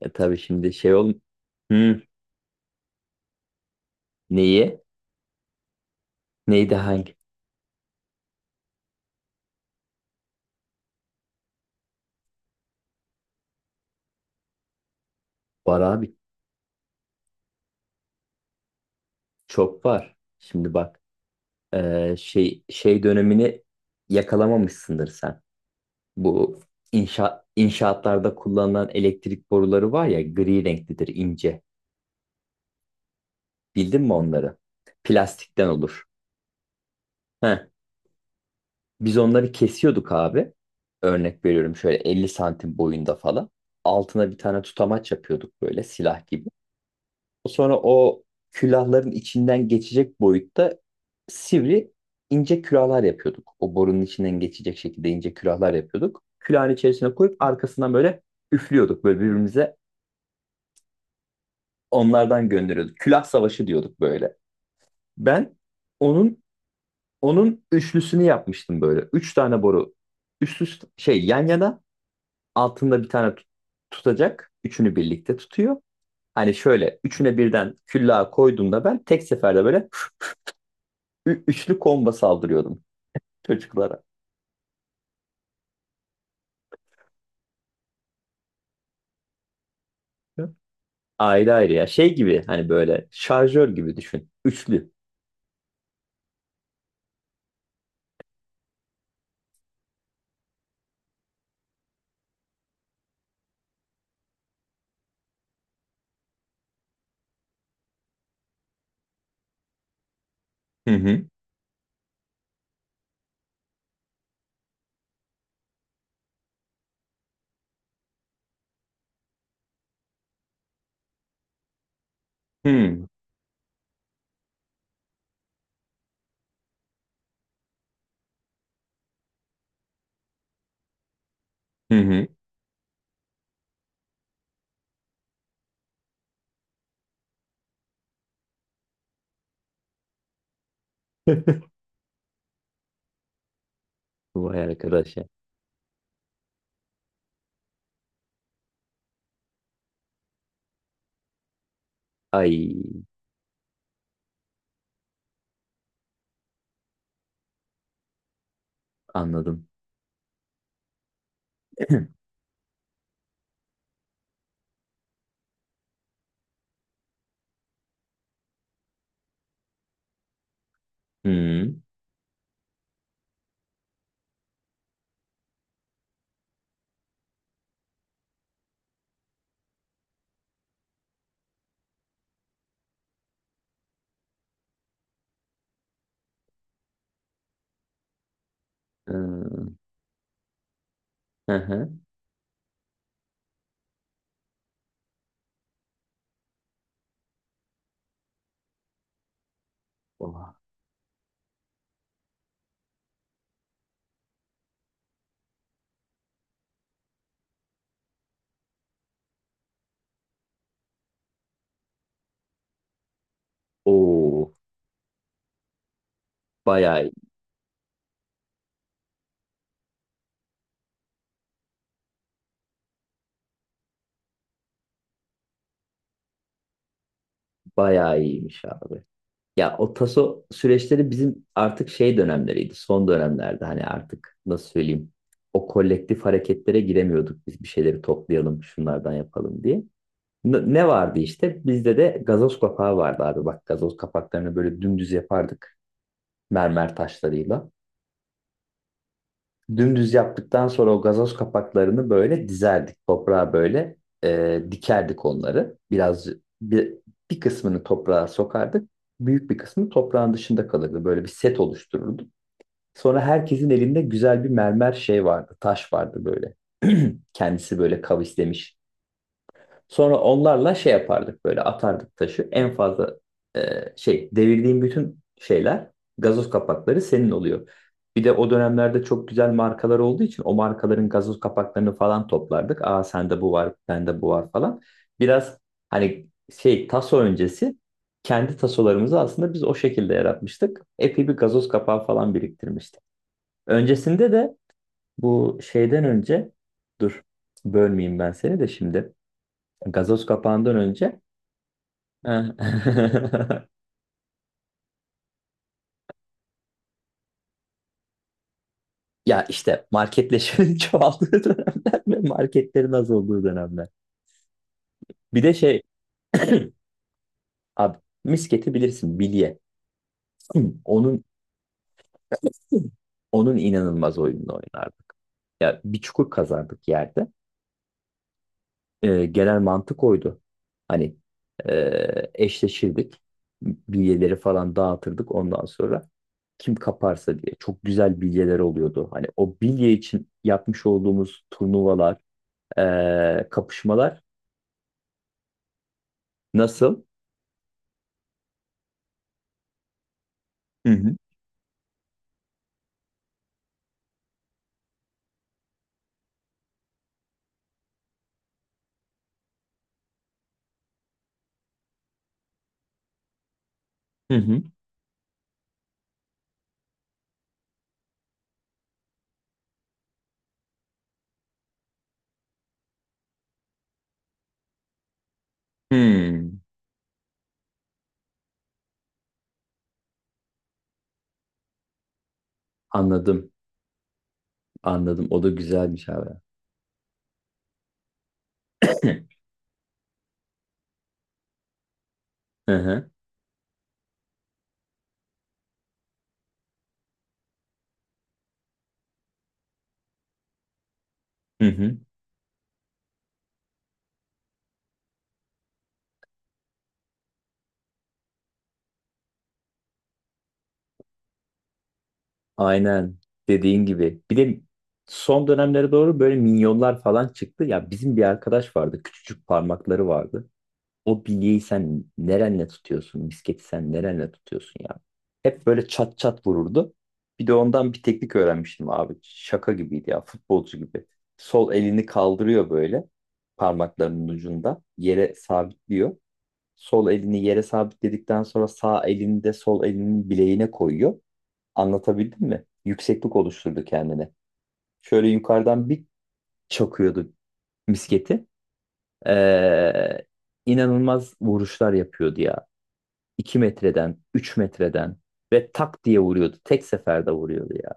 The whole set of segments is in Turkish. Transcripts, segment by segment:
Tabii şimdi. Hı, neyi? Neydi hangi? Var abi. Çok var. Şimdi bak. Şey dönemini yakalamamışsındır sen. Bu inşaatlarda kullanılan elektrik boruları var ya, gri renklidir, ince. Bildin mi onları? Plastikten olur. Heh. Biz onları kesiyorduk abi. Örnek veriyorum, şöyle 50 santim boyunda falan. Altına bir tane tutamaç yapıyorduk, böyle silah gibi. Sonra o külahların içinden geçecek boyutta sivri ince külahlar yapıyorduk. O borunun içinden geçecek şekilde ince külahlar yapıyorduk. Külahın içerisine koyup arkasından böyle üflüyorduk. Böyle birbirimize onlardan gönderiyorduk. Külah savaşı diyorduk böyle. Ben onun onun üçlüsünü yapmıştım böyle. Üç tane boru üst üste, yan yana, altında bir tane tutacak. Üçünü birlikte tutuyor. Hani şöyle üçüne birden küllağı koyduğumda ben tek seferde böyle üçlü komba saldırıyordum çocuklara. Ayrı ayrı ya. Şey gibi, hani böyle şarjör gibi düşün. Üçlü. Hı hı. Hı hı. Hı. Vay arkadaş ya. Ay, anladım. Hmm. Ee, hı hı. Oha. Oo. Bayağı iyi- bayağı iyiymiş abi. Ya, o taso süreçleri bizim artık şey dönemleriydi. Son dönemlerde hani artık nasıl söyleyeyim. O kolektif hareketlere giremiyorduk, biz bir şeyleri toplayalım şunlardan yapalım diye. Ne vardı işte? Bizde de gazoz kapağı vardı abi. Bak, gazoz kapaklarını böyle dümdüz yapardık, mermer taşlarıyla. Dümdüz yaptıktan sonra o gazoz kapaklarını böyle dizerdik. Toprağa böyle, dikerdik onları. Biraz, bir, bir kısmını toprağa sokardık. Büyük bir kısmı toprağın dışında kalırdı. Böyle bir set oluştururduk. Sonra herkesin elinde güzel bir mermer şey vardı. Taş vardı böyle. Kendisi böyle kavislemiş. Sonra onlarla şey yapardık, böyle atardık taşı. En fazla e, şey, devirdiğim bütün şeyler gazoz kapakları senin oluyor. Bir de o dönemlerde çok güzel markalar olduğu için o markaların gazoz kapaklarını falan toplardık. Aa, sende bu var, bende bu var falan. Biraz, hani, şey, taso öncesi kendi tasolarımızı aslında biz o şekilde yaratmıştık. Epey bir gazoz kapağı falan biriktirmiştik. Öncesinde de, bu şeyden önce, dur, bölmeyeyim ben seni de şimdi. Gazoz kapağından önce, ya işte marketleşmenin çoğaldığı dönemler ve marketlerin az olduğu dönemler. Bir de şey, abi, misketi bilirsin, bilye. Onun onun inanılmaz oyununu oynardık. Ya, bir çukur kazardık yerde. Genel mantık oydu. Hani, eşleşirdik. Bilyeleri falan dağıtırdık ondan sonra, kim kaparsa diye. Çok güzel bilyeler oluyordu. Hani o bilye için yapmış olduğumuz turnuvalar, kapışmalar nasıl? Hı hı. Hı hı. Hmm. Anladım. Anladım. O da güzelmiş abi. Hı hı. Hı hı. Aynen dediğin gibi. Bir de son dönemlere doğru böyle minyonlar falan çıktı. Ya, bizim bir arkadaş vardı. Küçücük parmakları vardı. O bilyeyi sen nerenle tutuyorsun? Misketi sen nerenle tutuyorsun ya? Hep böyle çat çat vururdu. Bir de ondan bir teknik öğrenmiştim abi. Şaka gibiydi ya, futbolcu gibi. Sol elini kaldırıyor, böyle parmaklarının ucunda yere sabitliyor. Sol elini yere sabitledikten sonra sağ elini de sol elinin bileğine koyuyor. Anlatabildim mi? Yükseklik oluşturdu kendine. Şöyle yukarıdan bir çakıyordu misketi. Ee, inanılmaz vuruşlar yapıyordu ya. 2 metreden, 3 metreden, ve tak diye vuruyordu. Tek seferde vuruyordu ya.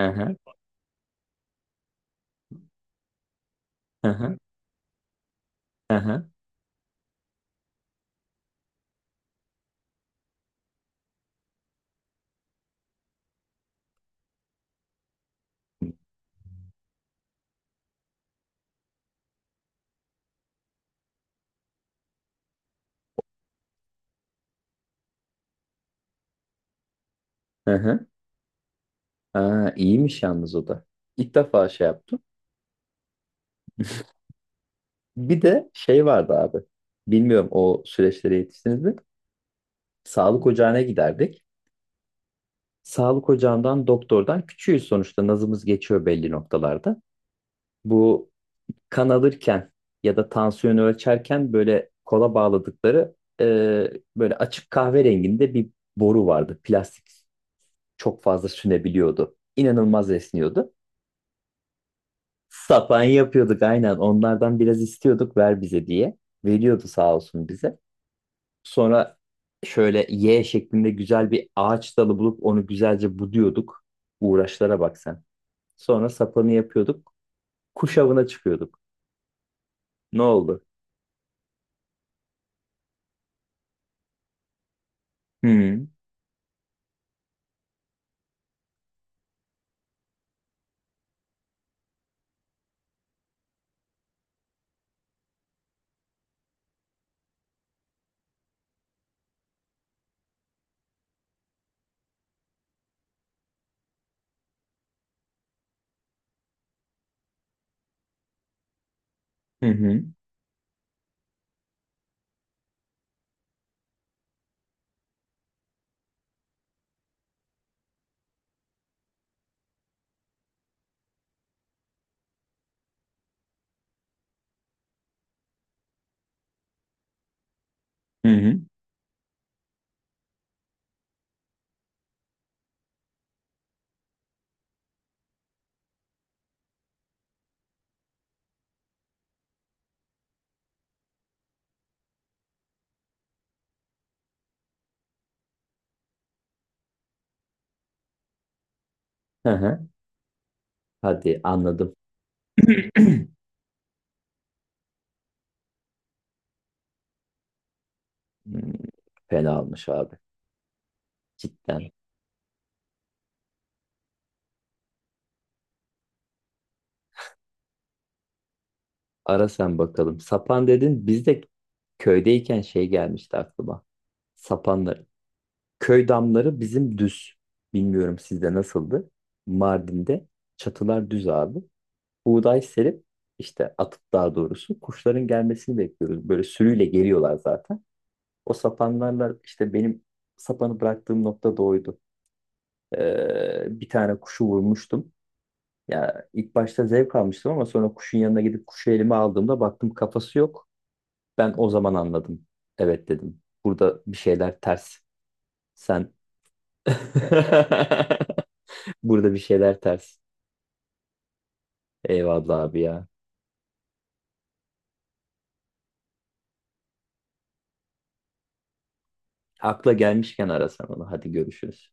Hı hı, hı hı, hı hı, hı hı. Aa, iyiymiş yalnız o da. İlk defa şey yaptım. Bir de şey vardı abi. Bilmiyorum, o süreçlere yetiştiniz mi? Sağlık ocağına giderdik. Sağlık ocağından doktordan, küçüğüz sonuçta, nazımız geçiyor belli noktalarda. Bu, kan alırken ya da tansiyonu ölçerken böyle kola bağladıkları, e, böyle açık kahverenginde bir boru vardı. Plastik, çok fazla sünebiliyordu. İnanılmaz esniyordu. Sapan yapıyorduk aynen. Onlardan biraz istiyorduk, ver bize diye. Veriyordu, sağ olsun, bize. Sonra şöyle Y şeklinde güzel bir ağaç dalı bulup onu güzelce buduyorduk. Uğraşlara bak sen. Sonra sapanı yapıyorduk. Kuş avına çıkıyorduk. Ne oldu? Hı hı. Hı. Hı hı. Hı hı. Hadi, anladım. Hmm, fena olmuş abi. Cidden. Ara sen bakalım. Sapan dedin. Biz de köydeyken şey gelmişti aklıma. Sapanları. Köy damları bizim düz. Bilmiyorum sizde nasıldı. Mardin'de çatılar düz abi. Buğday serip işte atıp, daha doğrusu, kuşların gelmesini bekliyoruz. Böyle sürüyle geliyorlar zaten. O sapanlarla işte, benim sapanı bıraktığım nokta da oydu. Bir tane kuşu vurmuştum. Ya ilk başta zevk almıştım ama sonra kuşun yanına gidip kuşu elime aldığımda baktım, kafası yok. Ben o zaman anladım. Evet dedim. Burada bir şeyler ters. Sen burada bir şeyler ters. Eyvallah abi ya. Akla gelmişken arasan onu. Hadi görüşürüz.